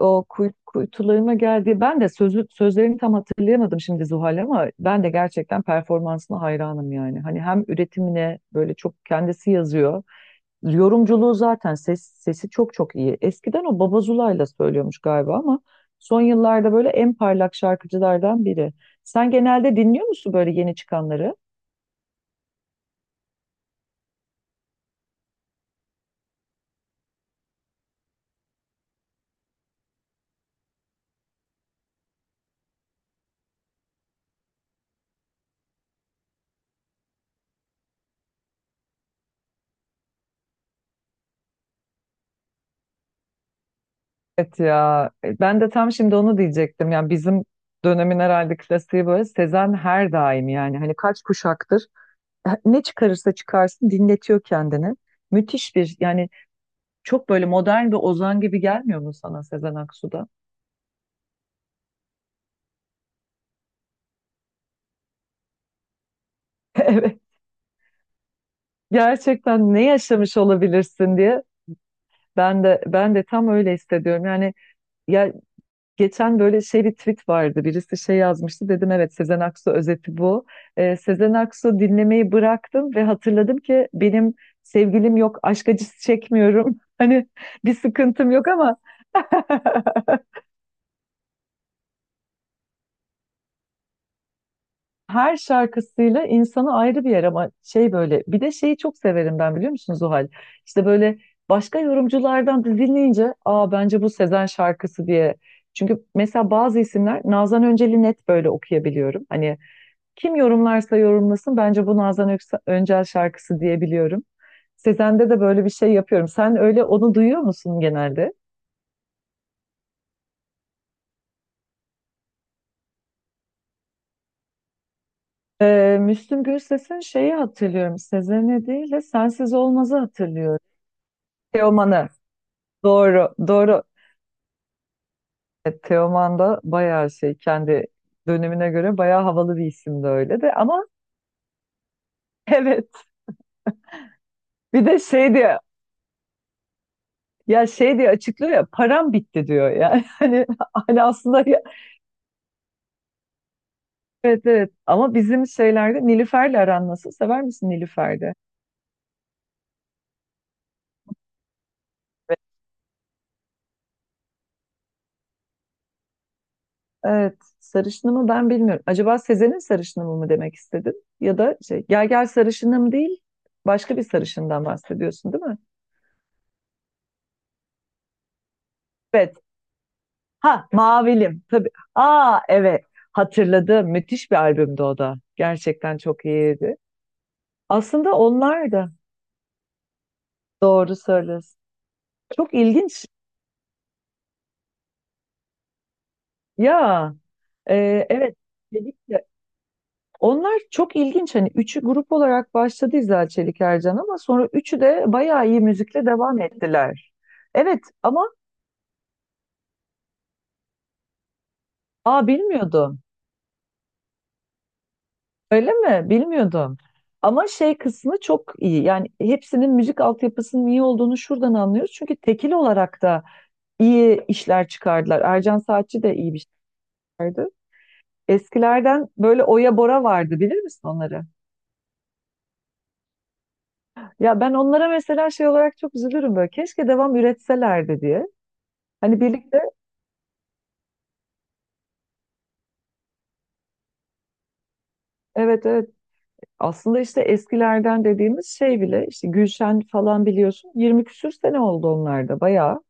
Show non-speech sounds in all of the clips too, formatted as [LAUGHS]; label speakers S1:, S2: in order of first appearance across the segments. S1: O kuytularına geldi. Ben de sözlerini tam hatırlayamadım şimdi Zuhal, ama ben de gerçekten performansına hayranım yani. Hani hem üretimine böyle çok kendisi yazıyor. Yorumculuğu zaten sesi çok çok iyi. Eskiden o Baba Zula'yla söylüyormuş galiba, ama son yıllarda böyle en parlak şarkıcılardan biri. Sen genelde dinliyor musun böyle yeni çıkanları? Evet ya, ben de tam şimdi onu diyecektim. Yani bizim dönemin herhalde klasiği böyle Sezen her daim yani. Hani kaç kuşaktır ne çıkarırsa çıkarsın dinletiyor kendini. Müthiş bir yani çok böyle modern bir ozan gibi gelmiyor mu sana Sezen Aksu'da? [LAUGHS] Evet. Gerçekten ne yaşamış olabilirsin diye ben de tam öyle hissediyorum. Yani ya, geçen böyle şey bir tweet vardı. Birisi şey yazmıştı. Dedim evet, Sezen Aksu özeti bu. Sezen Aksu dinlemeyi bıraktım ve hatırladım ki benim sevgilim yok, aşk acısı çekmiyorum. [LAUGHS] Hani bir sıkıntım yok ama [LAUGHS] her şarkısıyla insanı ayrı bir yer, ama şey böyle bir de şeyi çok severim ben, biliyor musunuz o hal? İşte böyle başka yorumculardan da dinleyince, aa bence bu Sezen şarkısı diye. Çünkü mesela bazı isimler, Nazan Öncel'i net böyle okuyabiliyorum. Hani kim yorumlarsa yorumlasın bence bu Nazan Öncel şarkısı diyebiliyorum. Sezen'de de böyle bir şey yapıyorum. Sen öyle onu duyuyor musun genelde? Müslüm Gürses'in şeyi hatırlıyorum. Sezen'i değil de Sensiz Olmaz'ı hatırlıyorum. Teoman'ı. Doğru, doğru. Teoman da bayağı şey, kendi dönemine göre bayağı havalı bir isimdi öyle de, ama [LAUGHS] evet, bir de şey diye, ya şey diye açıklıyor ya, param bitti diyor yani. [LAUGHS] Hani, hani aslında evet evet. Ama bizim şeylerde Nilüfer'le aran nasıl, sever misin Nilüfer'de? Evet, sarışınımı ben bilmiyorum. Acaba Sezen'in sarışınımı mı demek istedin, ya da şey, gel gel sarışınım değil, başka bir sarışından bahsediyorsun değil mi? Evet. Ha, Mavilim tabii. Aa evet, hatırladım. Müthiş bir albümdü o da. Gerçekten çok iyiydi. Aslında onlar da doğru söylüyorsun. Çok ilginç. Ya evet, dedik de onlar çok ilginç. Hani üçü grup olarak başladı, İzel Çelik Ercan, ama sonra üçü de bayağı iyi müzikle devam ettiler. Evet ama, aa bilmiyordum. Öyle mi? Bilmiyordum. Ama şey kısmı çok iyi. Yani hepsinin müzik altyapısının iyi olduğunu şuradan anlıyoruz. Çünkü tekil olarak da iyi işler çıkardılar. Ercan Saatçi de iyi bir şey çıkardı. Eskilerden böyle Oya Bora vardı, bilir misin onları? Ya ben onlara mesela şey olarak çok üzülürüm böyle. Keşke devam üretselerdi diye. Hani birlikte, evet evet. Aslında işte eskilerden dediğimiz şey bile, işte Gülşen falan, biliyorsun 20 küsür sene oldu, onlar da bayağı.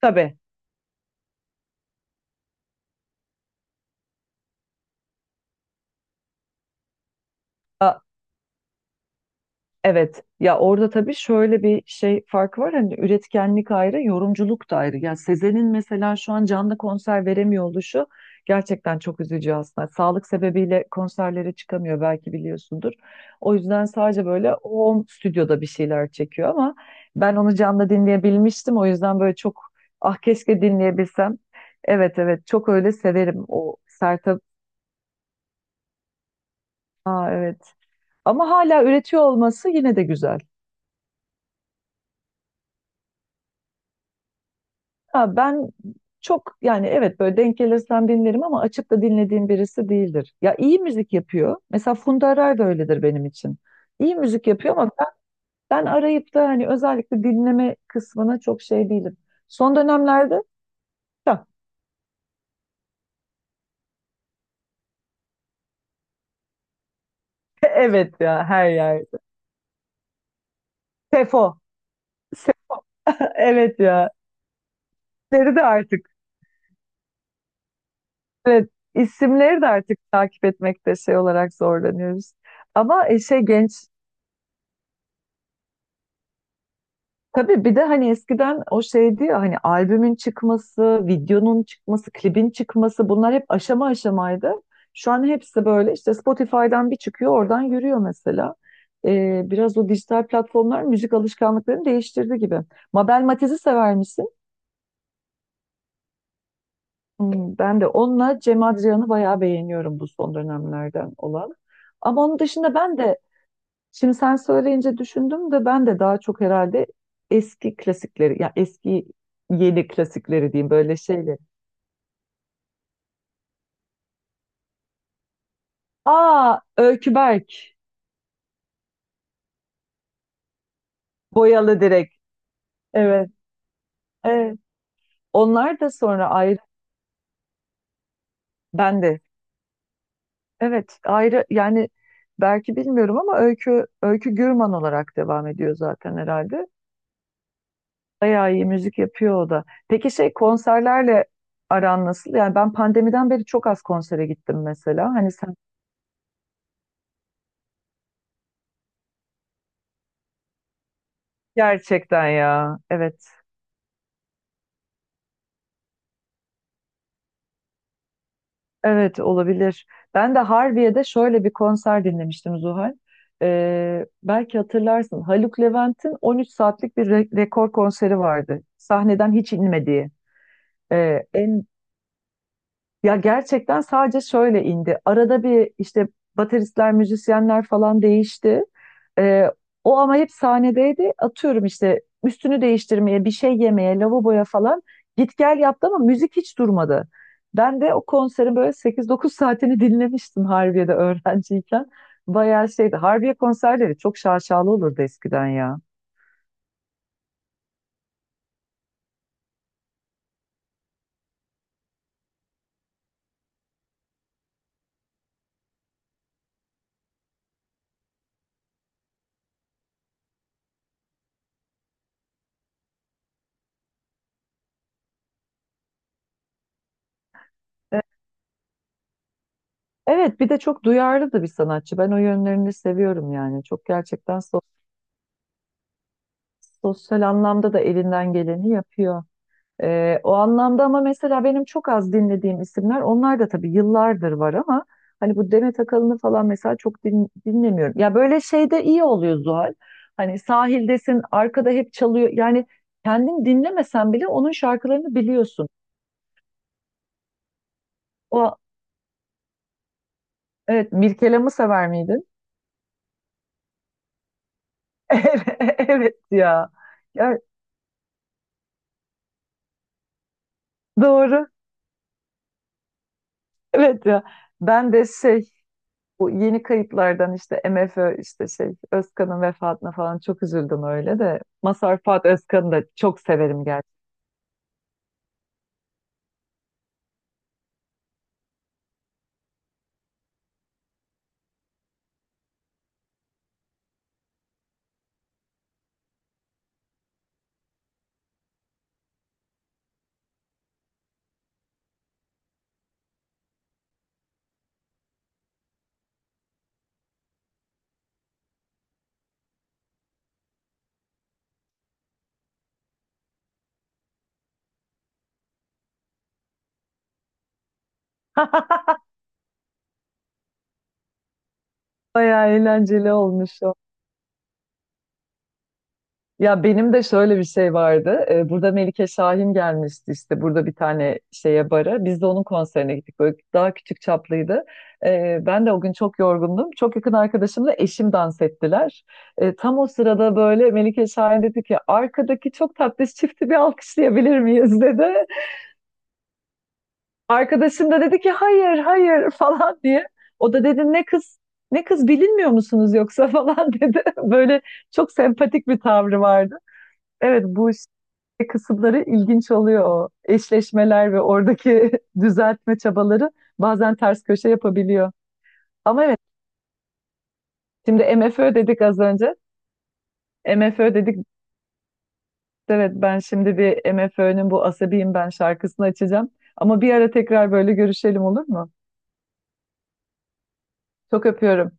S1: Tabii. A- evet ya, orada tabii şöyle bir şey farkı var, hani üretkenlik ayrı, yorumculuk da ayrı. Ya Sezen'in mesela şu an canlı konser veremiyor oluşu gerçekten çok üzücü aslında. Sağlık sebebiyle konserlere çıkamıyor, belki biliyorsundur. O yüzden sadece böyle o stüdyoda bir şeyler çekiyor, ama ben onu canlı dinleyebilmiştim. O yüzden böyle çok, ah keşke dinleyebilsem. Evet evet, çok öyle severim o Sertab. Aa, evet, ama hala üretiyor olması yine de güzel. Ya ben çok yani, evet, böyle denk gelirsem dinlerim, ama açıp da dinlediğim birisi değildir. Ya iyi müzik yapıyor. Mesela Funda Arar da öyledir benim için. İyi müzik yapıyor ama ben, ben arayıp da hani özellikle dinleme kısmına çok şey değilim. Son dönemlerde ya, [LAUGHS] evet ya, her yer. Sefo. Se- [LAUGHS] evet ya. İsimleri de artık. Evet, isimleri de artık takip etmekte şey olarak zorlanıyoruz. Ama şey genç, tabii bir de hani eskiden o şeydi ya, hani albümün çıkması, videonun çıkması, klibin çıkması, bunlar hep aşama aşamaydı. Şu an hepsi böyle işte Spotify'dan bir çıkıyor, oradan yürüyor mesela. Biraz o dijital platformlar müzik alışkanlıklarını değiştirdi gibi. Mabel Matiz'i sever misin? Hmm, ben de onunla Cem Adrian'ı bayağı beğeniyorum, bu son dönemlerden olan. Ama onun dışında ben de, şimdi sen söyleyince düşündüm de, ben de daha çok herhalde eski klasikleri, ya eski yeni klasikleri diyeyim böyle şeyleri. Aa Öykü Berk, Boyalı Direk. Evet, evet. Onlar da sonra ayrı, ben de. Evet, ayrı yani, belki bilmiyorum ama Öykü, Öykü Gürman olarak devam ediyor zaten herhalde. Bayağı iyi müzik yapıyor o da. Peki şey, konserlerle aran nasıl? Yani ben pandemiden beri çok az konsere gittim mesela. Hani sen, gerçekten ya. Evet, evet olabilir. Ben de Harbiye'de şöyle bir konser dinlemiştim Zuhal. Belki hatırlarsın, Haluk Levent'in 13 saatlik bir rekor konseri vardı. Sahneden hiç inmediği. En, ya gerçekten sadece şöyle indi. Arada bir işte bateristler, müzisyenler falan değişti. Ee, o ama hep sahnedeydi. Atıyorum işte üstünü değiştirmeye, bir şey yemeye, lavaboya falan git gel yaptı ama müzik hiç durmadı. Ben de o konserin böyle sekiz dokuz saatini dinlemiştim Harbiye'de öğrenciyken. Bayağı şeydi. Harbiye konserleri çok şaşalı olurdu eskiden ya. E, Evet, bir de çok duyarlı da bir sanatçı. Ben o yönlerini seviyorum yani. Çok gerçekten sosyal anlamda da elinden geleni yapıyor. O anlamda ama mesela benim çok az dinlediğim isimler, onlar da tabii yıllardır var ama hani bu Demet Akalın'ı falan mesela çok dinlemiyorum. Ya böyle şeyde iyi oluyor Zuhal. Hani sahildesin, arkada hep çalıyor. Yani kendin dinlemesen bile onun şarkılarını biliyorsun. O, evet, Mirkelam'ı sever miydin? [LAUGHS] Evet, evet ya. Ya doğru. Evet ya. Ben de şey, bu yeni kayıplardan işte MFÖ, işte şey Özkan'ın vefatına falan çok üzüldüm öyle de. Mazhar Fuat Özkan'ı da çok severim gerçekten. [LAUGHS] Bayağı eğlenceli olmuş o. Ya benim de şöyle bir şey vardı. Burada Melike Şahin gelmişti, işte burada bir tane şeye, bara. Biz de onun konserine gittik. Böyle daha küçük çaplıydı. Ben de o gün çok yorgundum. Çok yakın arkadaşımla eşim dans ettiler. Tam o sırada böyle Melike Şahin dedi ki, arkadaki çok tatlış çifti bir alkışlayabilir miyiz dedi. Arkadaşım da dedi ki hayır hayır [LAUGHS] falan diye. O da dedi, ne kız ne kız bilinmiyor musunuz yoksa [LAUGHS] falan dedi. Böyle çok sempatik bir tavrı vardı. Evet, bu işte kısımları ilginç oluyor o. Eşleşmeler ve oradaki [LAUGHS] düzeltme çabaları bazen ters köşe yapabiliyor. Ama evet, şimdi MFÖ dedik az önce. MFÖ dedik, evet, ben şimdi bir MFÖ'nün bu Asabiyim Ben şarkısını açacağım. Ama bir ara tekrar böyle görüşelim, olur mu? Çok öpüyorum.